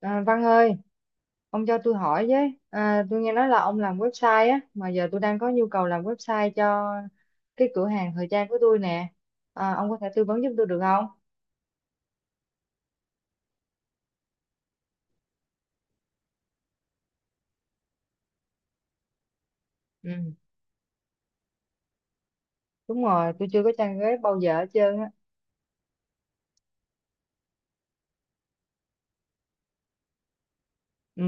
À, Văn ơi, ông cho tôi hỏi với. À, tôi nghe nói là ông làm website á, mà giờ tôi đang có nhu cầu làm website cho cái cửa hàng thời trang của tôi nè. À, ông có thể tư vấn giúp tôi được không? Ừ, đúng rồi, tôi chưa có trang web bao giờ hết trơn á. Ừ,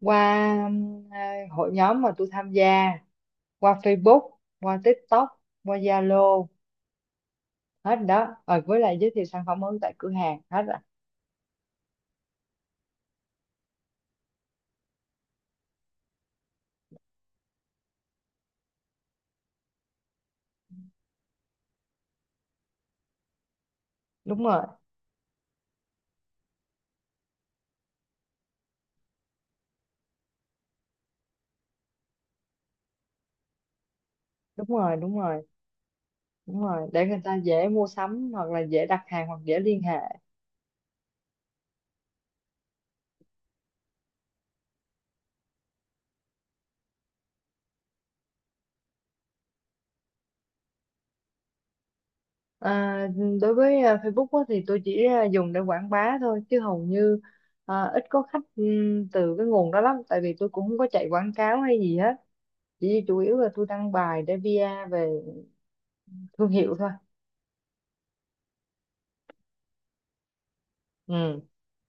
qua à, hội nhóm mà tôi tham gia, qua Facebook, qua TikTok, qua Zalo, hết rồi đó. Rồi với lại giới thiệu sản phẩm mới tại cửa hàng, hết rồi. Đúng rồi, đúng rồi, đúng rồi. Đúng rồi, để người ta dễ mua sắm hoặc là dễ đặt hàng hoặc dễ liên hệ. À, đối với à, Facebook á, thì tôi chỉ à, dùng để quảng bá thôi chứ hầu như à, ít có khách từ cái nguồn đó lắm, tại vì tôi cũng không có chạy quảng cáo hay gì hết, chỉ chủ yếu là tôi đăng bài để PR về thương hiệu thôi. Ừ.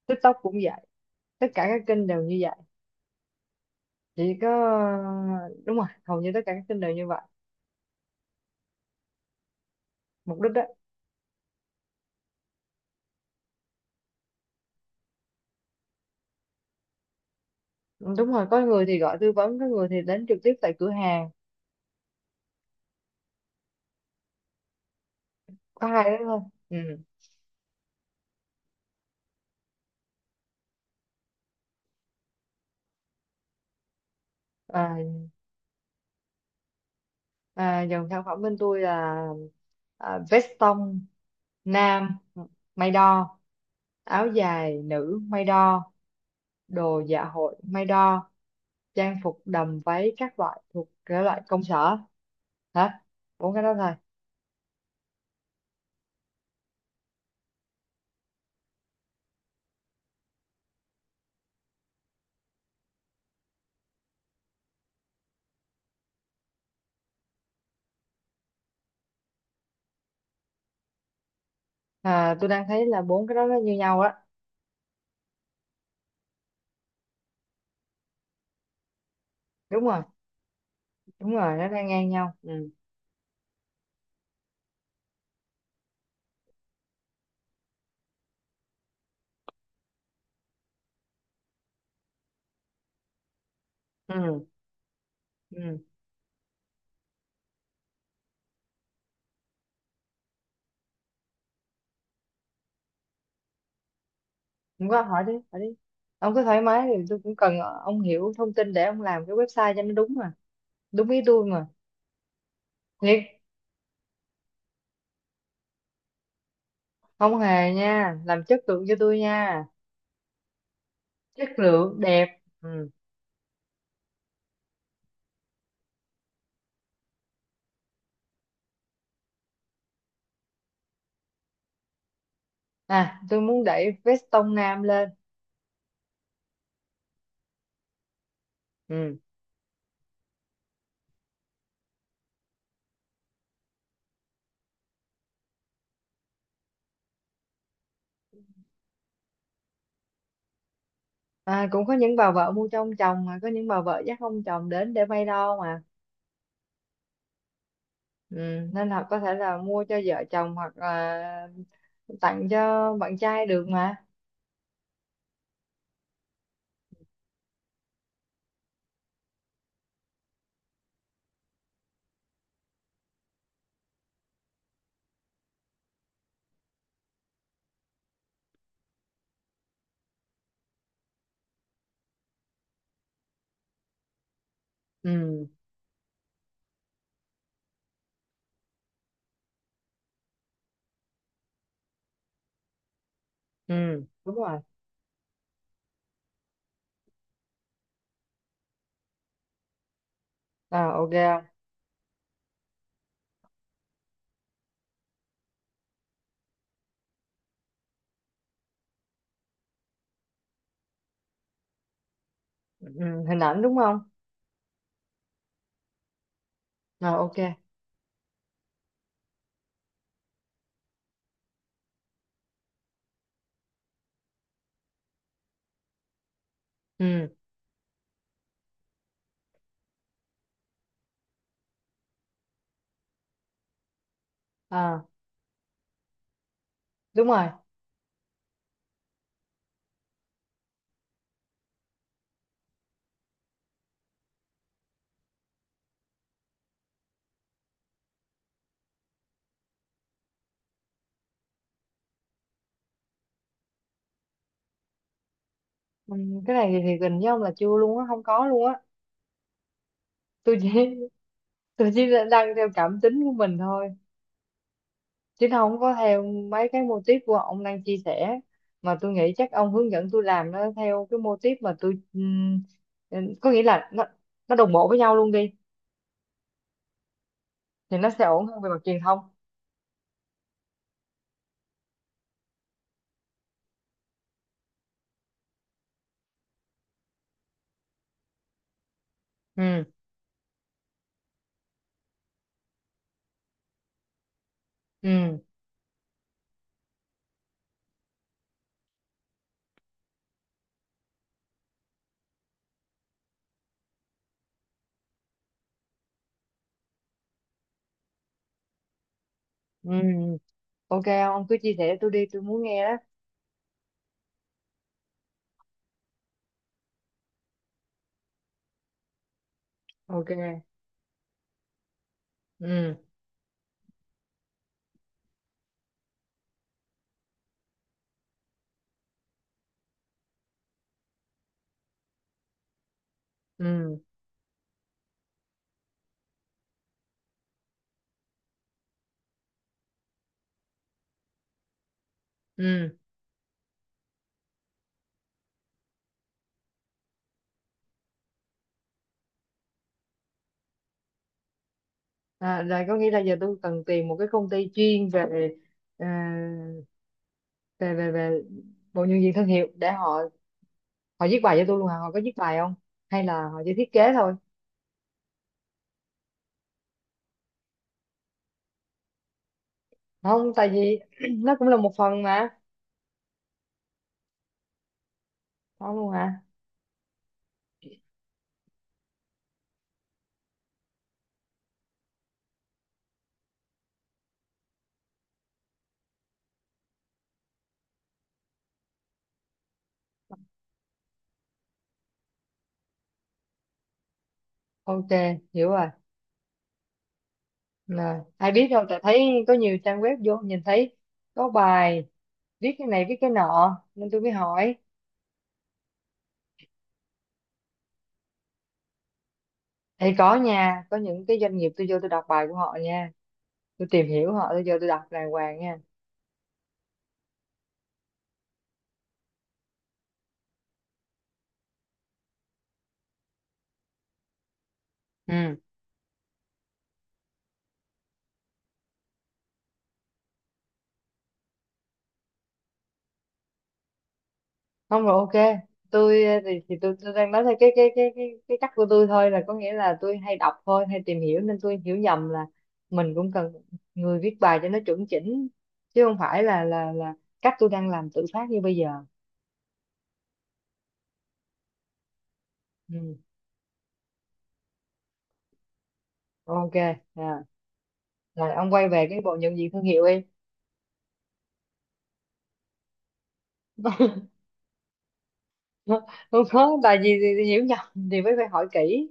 TikTok cũng vậy, tất cả các kênh đều như vậy, chỉ có đúng rồi, hầu như tất cả các kênh đều như vậy, mục đích đó. Ừ, đúng rồi, có người thì gọi tư vấn, có người thì đến trực tiếp tại cửa hàng, có hai đó thôi ừ. À, à, dòng sản phẩm bên tôi là à, veston nam may đo, áo dài nữ may đo, đồ dạ hội may đo, trang phục đầm váy các loại thuộc cái loại công sở hả, bốn cái đó thôi. À, tôi đang thấy là bốn cái đó nó như nhau á. Đúng rồi, đúng rồi, nó đang ngang nhau ừ. Ừ, ừ, không có, hỏi đi hỏi đi, ông cứ thoải mái, thì tôi cũng cần ông hiểu thông tin để ông làm cái website cho nó đúng mà, đúng ý tôi mà. Thiệt, không hề nha, làm chất lượng cho tôi nha, chất lượng đẹp ừ. À, tôi muốn đẩy vest tông nam lên ừ. À, cũng có những bà vợ mua cho ông chồng, mà có những bà vợ dắt ông chồng đến để may đo mà ừ. Nên là có thể là mua cho vợ chồng hoặc là tặng cho bạn trai được mà ừ. Ừ, đúng rồi, à, ok ừ. Hình ảnh đúng không? À, ok ừ. À, đúng rồi ừ. Cái này thì gần với ông là chưa luôn á, không có luôn á. Tôi chỉ, tôi chỉ là đang theo cảm tính của mình thôi, chứ không có theo mấy cái mô típ của ông đang chia sẻ. Mà tôi nghĩ chắc ông hướng dẫn tôi làm nó theo cái mô típ mà tôi có nghĩa là nó đồng bộ với nhau luôn đi, thì nó sẽ ổn hơn về mặt truyền thông. Ừ, ừ, ừ, ok, ông cứ chia sẻ, tôi đi, tôi muốn nghe đó. Ok, ừ, ừ, ừ. À, là có nghĩa là giờ tôi cần tìm một cái công ty chuyên về ờ, về về về bộ nhân viên thương hiệu để họ họ viết bài cho tôi luôn hả, họ có viết bài không hay là họ chỉ thiết kế thôi? Không, tại vì nó cũng là một phần mà. Không luôn hả, ok, hiểu rồi. Nè, ai biết đâu, tại thấy có nhiều trang web vô nhìn thấy có bài viết cái này viết cái nọ nên tôi mới hỏi. Thì có nha, có những cái doanh nghiệp tôi vô tôi đọc bài của họ nha, tôi tìm hiểu họ, tôi vô tôi đọc đàng hoàng nha ừ. Không, rồi ok, tôi thì tôi đang nói theo cái cách của tôi thôi, là có nghĩa là tôi hay đọc thôi hay tìm hiểu nên tôi hiểu nhầm là mình cũng cần người viết bài cho nó chuẩn chỉnh, chứ không phải là cách tôi đang làm tự phát như bây giờ ừ. Ok, à, rồi ông quay về cái bộ nhận diện thương hiệu đi. Không có, tại vì hiểu nhầm thì mới phải hỏi kỹ.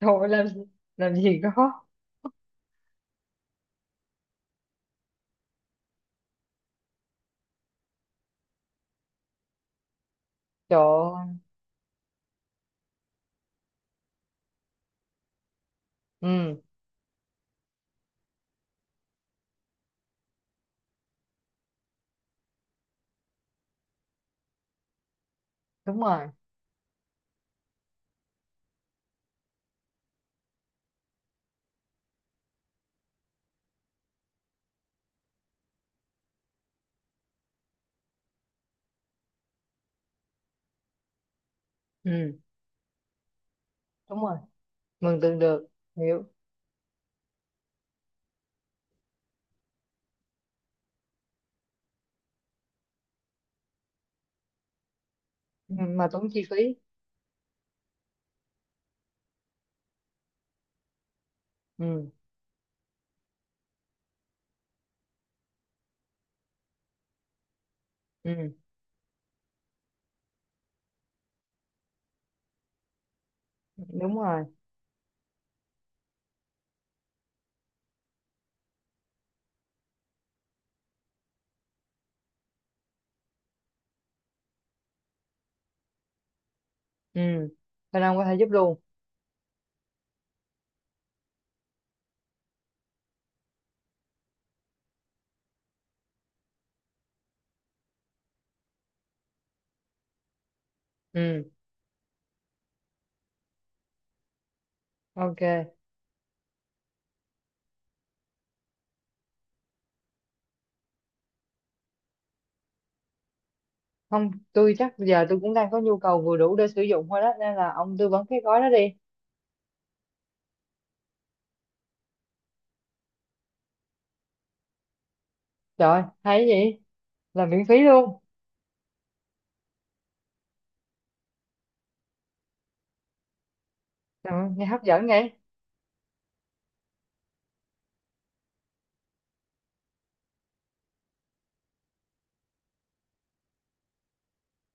Thôi, làm gì có trời ơi. Ừ, đúng rồi, ừ, đúng rồi, mừng tượng được, hiểu. Ừ, mà tốn chi phí ừ, ừ, đúng rồi ừ. Thanh Long có thể giúp luôn ừ, ok. Không, tôi chắc giờ tôi cũng đang có nhu cầu vừa đủ để sử dụng thôi đó, nên là ông tư vấn cái gói đó đi. Trời, hay gì? Là miễn phí luôn ừ, nghe hấp dẫn vậy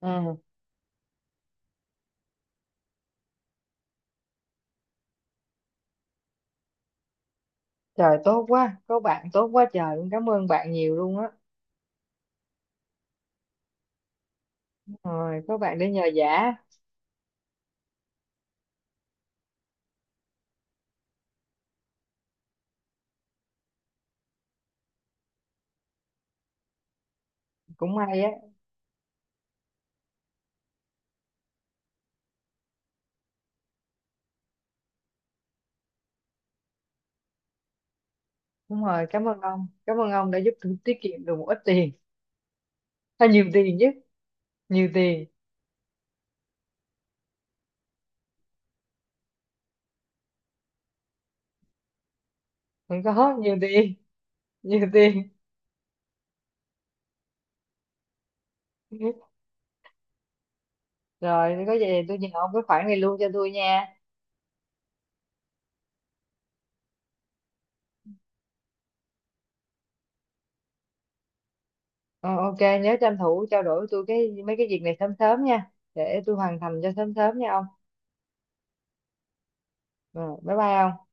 ừ. Trời, tốt quá, có bạn tốt quá trời luôn, cảm ơn bạn nhiều luôn á. Rồi có bạn để nhờ vả. Cũng may á, đúng rồi, cảm ơn ông, cảm ơn ông đã giúp tôi tiết kiệm được một ít tiền hay nhiều tiền chứ. Nhiều tiền, không, có nhiều tiền, nhiều tiền. Rồi, nếu có gì thì tôi nhờ ông cái khoản này luôn cho tôi nha. Ờ, ok, nhớ tranh thủ trao đổi với tôi cái mấy cái việc này sớm sớm nha. Để tôi hoàn thành cho sớm sớm nha ông. Ờ, bye bye ông.